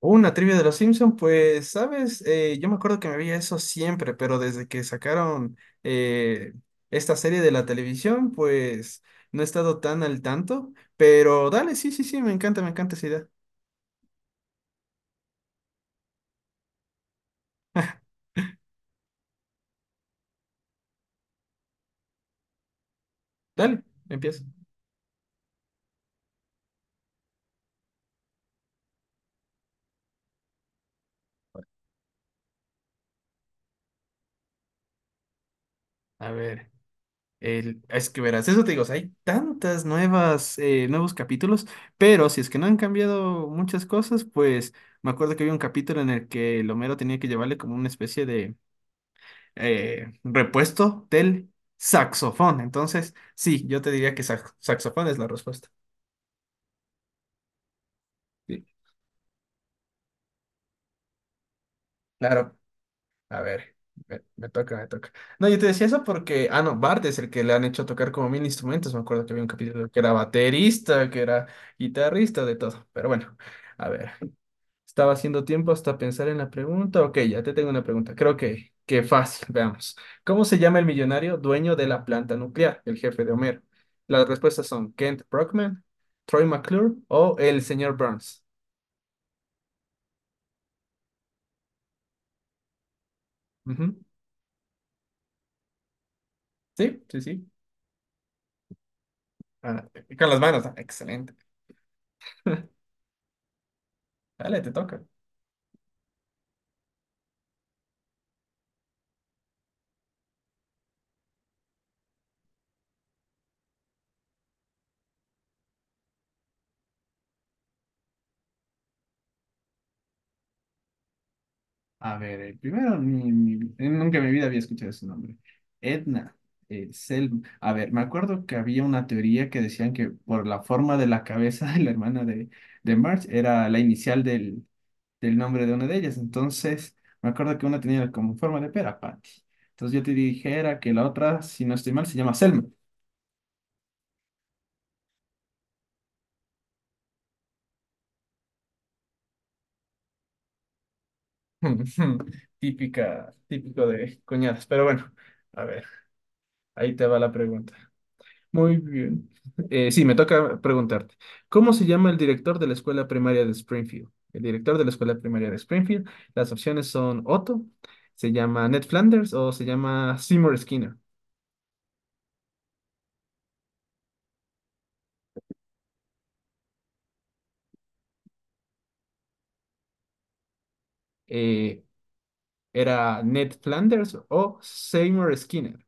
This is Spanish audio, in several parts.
Una trivia de los Simpsons, pues, sabes, yo me acuerdo que me veía eso siempre, pero desde que sacaron eh, esta serie de la televisión, pues no he estado tan al tanto. Pero dale, sí, sí, sí, me encanta esa idea. Dale, empieza. A ver, el, es que verás, eso te digo, o sea, hay tantas nuevas, nuevos capítulos, pero si es que no han cambiado muchas cosas, pues me acuerdo que había un capítulo en el que el Homero tenía que llevarle como una especie de repuesto del saxofón. Entonces, sí, yo te diría que saxofón es la respuesta. Sí, claro. A ver, me toca, me toca. No, yo te decía eso porque, no, Bart es el que le han hecho tocar como mil instrumentos. Me acuerdo que había un capítulo que era baterista, que era guitarrista, de todo. Pero bueno, a ver. Estaba haciendo tiempo hasta pensar en la pregunta. Ok, ya te tengo una pregunta. Creo que fácil, veamos. ¿Cómo se llama el millonario dueño de la planta nuclear, el jefe de Homero? Las respuestas son Kent Brockman, Troy McClure o el señor Burns. Ujú. Sí, sí, sí. Ah, con las manos. Ah, excelente. Dale, te toca. A ver, primero, nunca en mi vida había escuchado ese nombre. Edna. A ver, me acuerdo que había una teoría que decían que por la forma de la cabeza de la hermana de Marge era la inicial del nombre de una de ellas. Entonces, me acuerdo que una tenía como forma de pera, Patty. Entonces yo te dijera que la otra, si no estoy mal, se llama Selma. Típica, típico de cuñadas. Pero bueno, a ver, ahí te va la pregunta. Muy bien. Sí, me toca preguntarte. ¿Cómo se llama el director de la escuela primaria de Springfield? El director de la escuela primaria de Springfield. Las opciones son Otto, se llama Ned Flanders o se llama Seymour Skinner. Eh, ¿Era Ned Flanders o Seymour Skinner?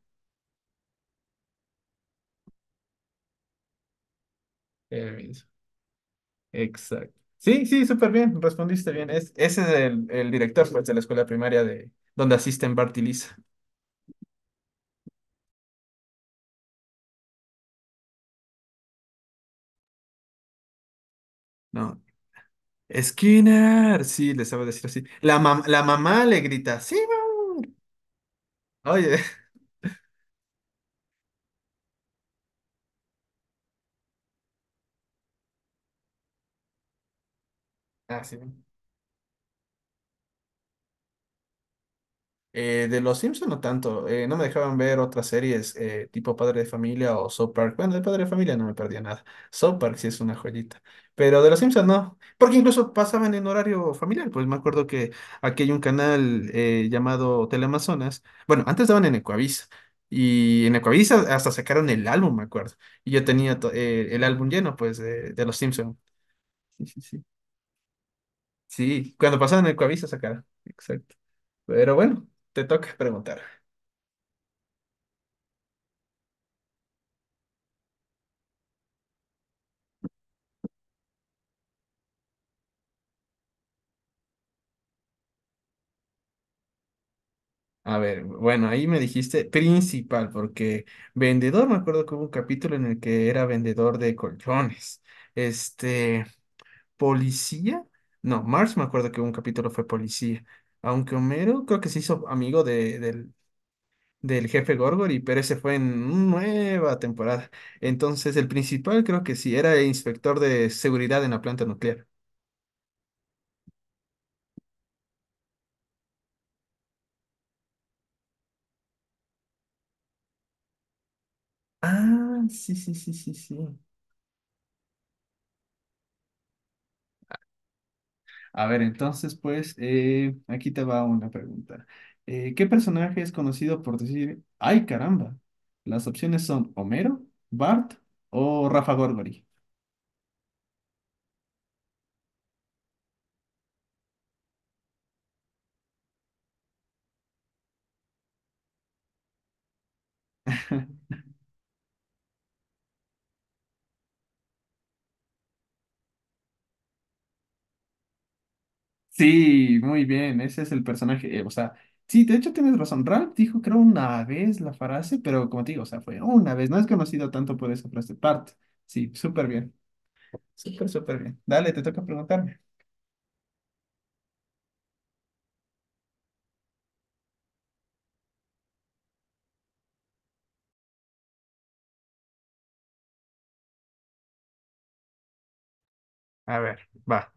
El mismo. Exacto. Sí, sí, súper bien. Respondiste bien. Ese es el director pues, de la escuela primaria de donde asisten Bart y Lisa. No, Skinner, sí, le sabe decir así. La mamá le grita, sí, mamá. Oye, así. De Los Simpson no tanto, no me dejaban ver otras series tipo Padre de Familia o South Park. Bueno, de Padre de Familia no me perdía nada. South Park sí es una joyita, pero de Los Simpson no, porque incluso pasaban en horario familiar. Pues me acuerdo que aquí hay un canal llamado Teleamazonas. Bueno, antes daban en Ecuavisa y en Ecuavisa hasta sacaron el álbum, me acuerdo. Y yo tenía el álbum lleno, pues, de Los Simpson. Sí, sí, sí. Sí, cuando pasaban en Ecuavisa sacaron. Exacto. Pero bueno, te toca preguntar. A ver, bueno, ahí me dijiste principal, porque vendedor, me acuerdo que hubo un capítulo en el que era vendedor de colchones. Este, policía, no, Mars me acuerdo que un capítulo fue policía. Aunque Homero creo que se hizo amigo del jefe Gorgory, pero ese fue en nueva temporada. Entonces, el principal creo que sí, era el inspector de seguridad en la planta nuclear. Ah, sí, sí, sí, sí, sí. A ver, entonces, pues, aquí te va una pregunta. ¿Qué personaje es conocido por decir, ay caramba? Las opciones son Homero, Bart o Rafa Gorgori. Sí, muy bien, ese es el personaje. O sea, sí, de hecho tienes razón. Ralph dijo, creo, una vez la frase, pero como te digo, o sea, fue una vez. No es conocido tanto por esa frase. Bart, sí, súper bien. Súper, súper bien. Dale, te toca preguntarme. A ver, va.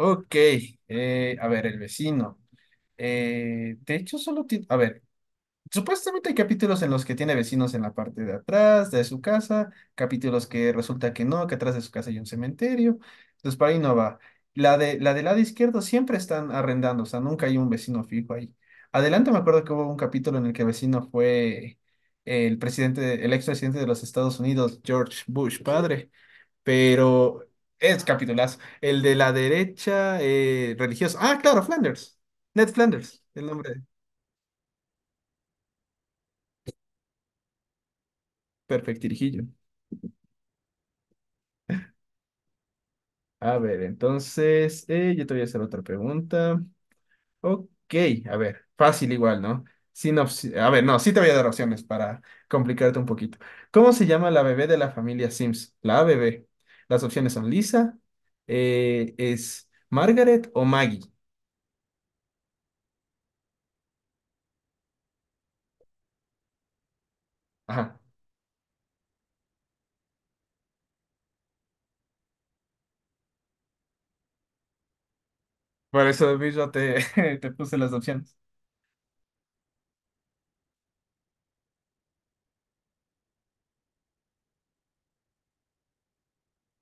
Ok, a ver, el vecino. De hecho, solo tiene... A ver, supuestamente hay capítulos en los que tiene vecinos en la parte de atrás de su casa, capítulos que resulta que no, que atrás de su casa hay un cementerio. Entonces, para ahí no va. La del lado izquierdo siempre están arrendando, o sea, nunca hay un vecino fijo ahí. Adelante me acuerdo que hubo un capítulo en el que el vecino fue el presidente, el expresidente de los Estados Unidos, George Bush, padre. Pero es capitulazo. El de la derecha religiosa. Ah, claro, Flanders. Ned Flanders, el nombre. Perfectirijillo. A ver, entonces, yo te voy a hacer otra pregunta. Ok, a ver, fácil igual, ¿no? Sin opci- A ver, no, sí te voy a dar opciones para complicarte un poquito. ¿Cómo se llama la bebé de la familia Sims? La bebé. Las opciones son Lisa, es Margaret o Maggie. Ajá, por eso mismo te puse las opciones.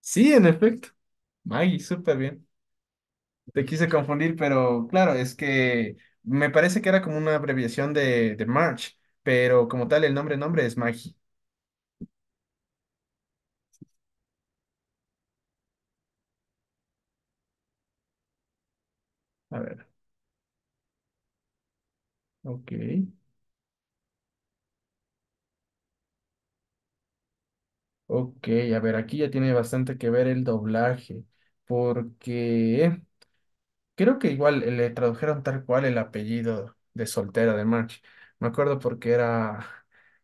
Sí, en efecto. Maggie, súper bien. Te quise confundir, pero claro, es que me parece que era como una abreviación de March, pero como tal el nombre, nombre es Maggie. A ver, ok. Ok, a ver, aquí ya tiene bastante que ver el doblaje, porque creo que igual le tradujeron tal cual el apellido de soltera de March. Me acuerdo porque era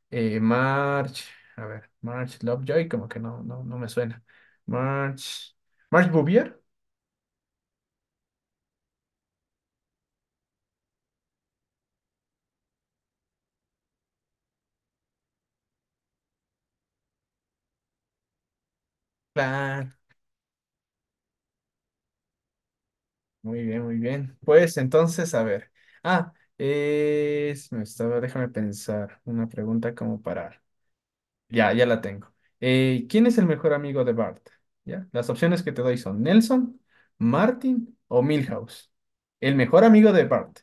eh, March, a ver, March Lovejoy, como que no, no, no me suena. March, March Bouvier. Claro, muy bien, muy bien. Pues entonces, a ver. Ah, me estaba, déjame pensar una pregunta como para. Ya, ya la tengo. ¿Quién es el mejor amigo de Bart? ¿Ya? Las opciones que te doy son Nelson, Martin o Milhouse. El mejor amigo de Bart.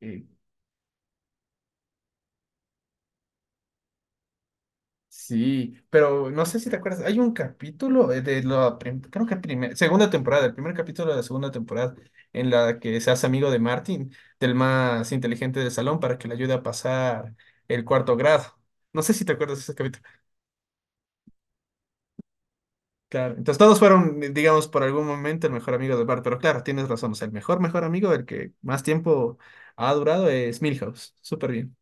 Eh, Sí, pero no sé si te acuerdas, hay un capítulo creo que primer segunda temporada, el primer capítulo de la segunda temporada, en la que se hace amigo de Martin, del más inteligente del salón, para que le ayude a pasar el cuarto grado. No sé si te acuerdas de ese capítulo. Claro, entonces todos fueron, digamos, por algún momento el mejor amigo de Bart, pero claro, tienes razón, o sea, el mejor, mejor amigo, el que más tiempo ha durado es Milhouse. Súper bien.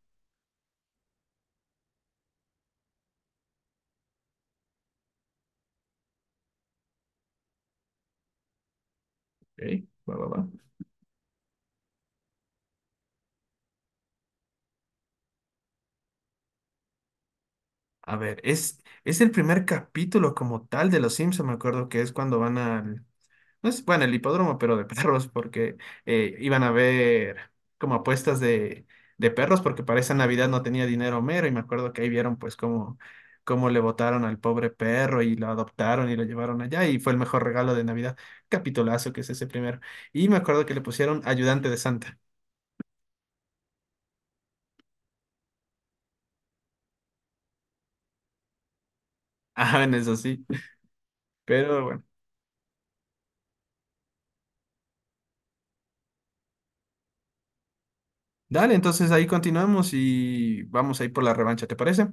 Ok, va, va, va. A ver, es el primer capítulo como tal de Los Simpson, me acuerdo que es cuando van al, no es, bueno, el hipódromo, pero de perros, porque iban a ver como apuestas de perros, porque para esa Navidad no tenía dinero Homero, y me acuerdo que ahí vieron pues cómo, cómo le votaron al pobre perro y lo adoptaron y lo llevaron allá, y fue el mejor regalo de Navidad. Capitulazo que es ese primero. Y me acuerdo que le pusieron ayudante de Santa. Ah, en eso sí, pero bueno. Dale, entonces ahí continuamos y vamos a ir por la revancha, ¿te parece?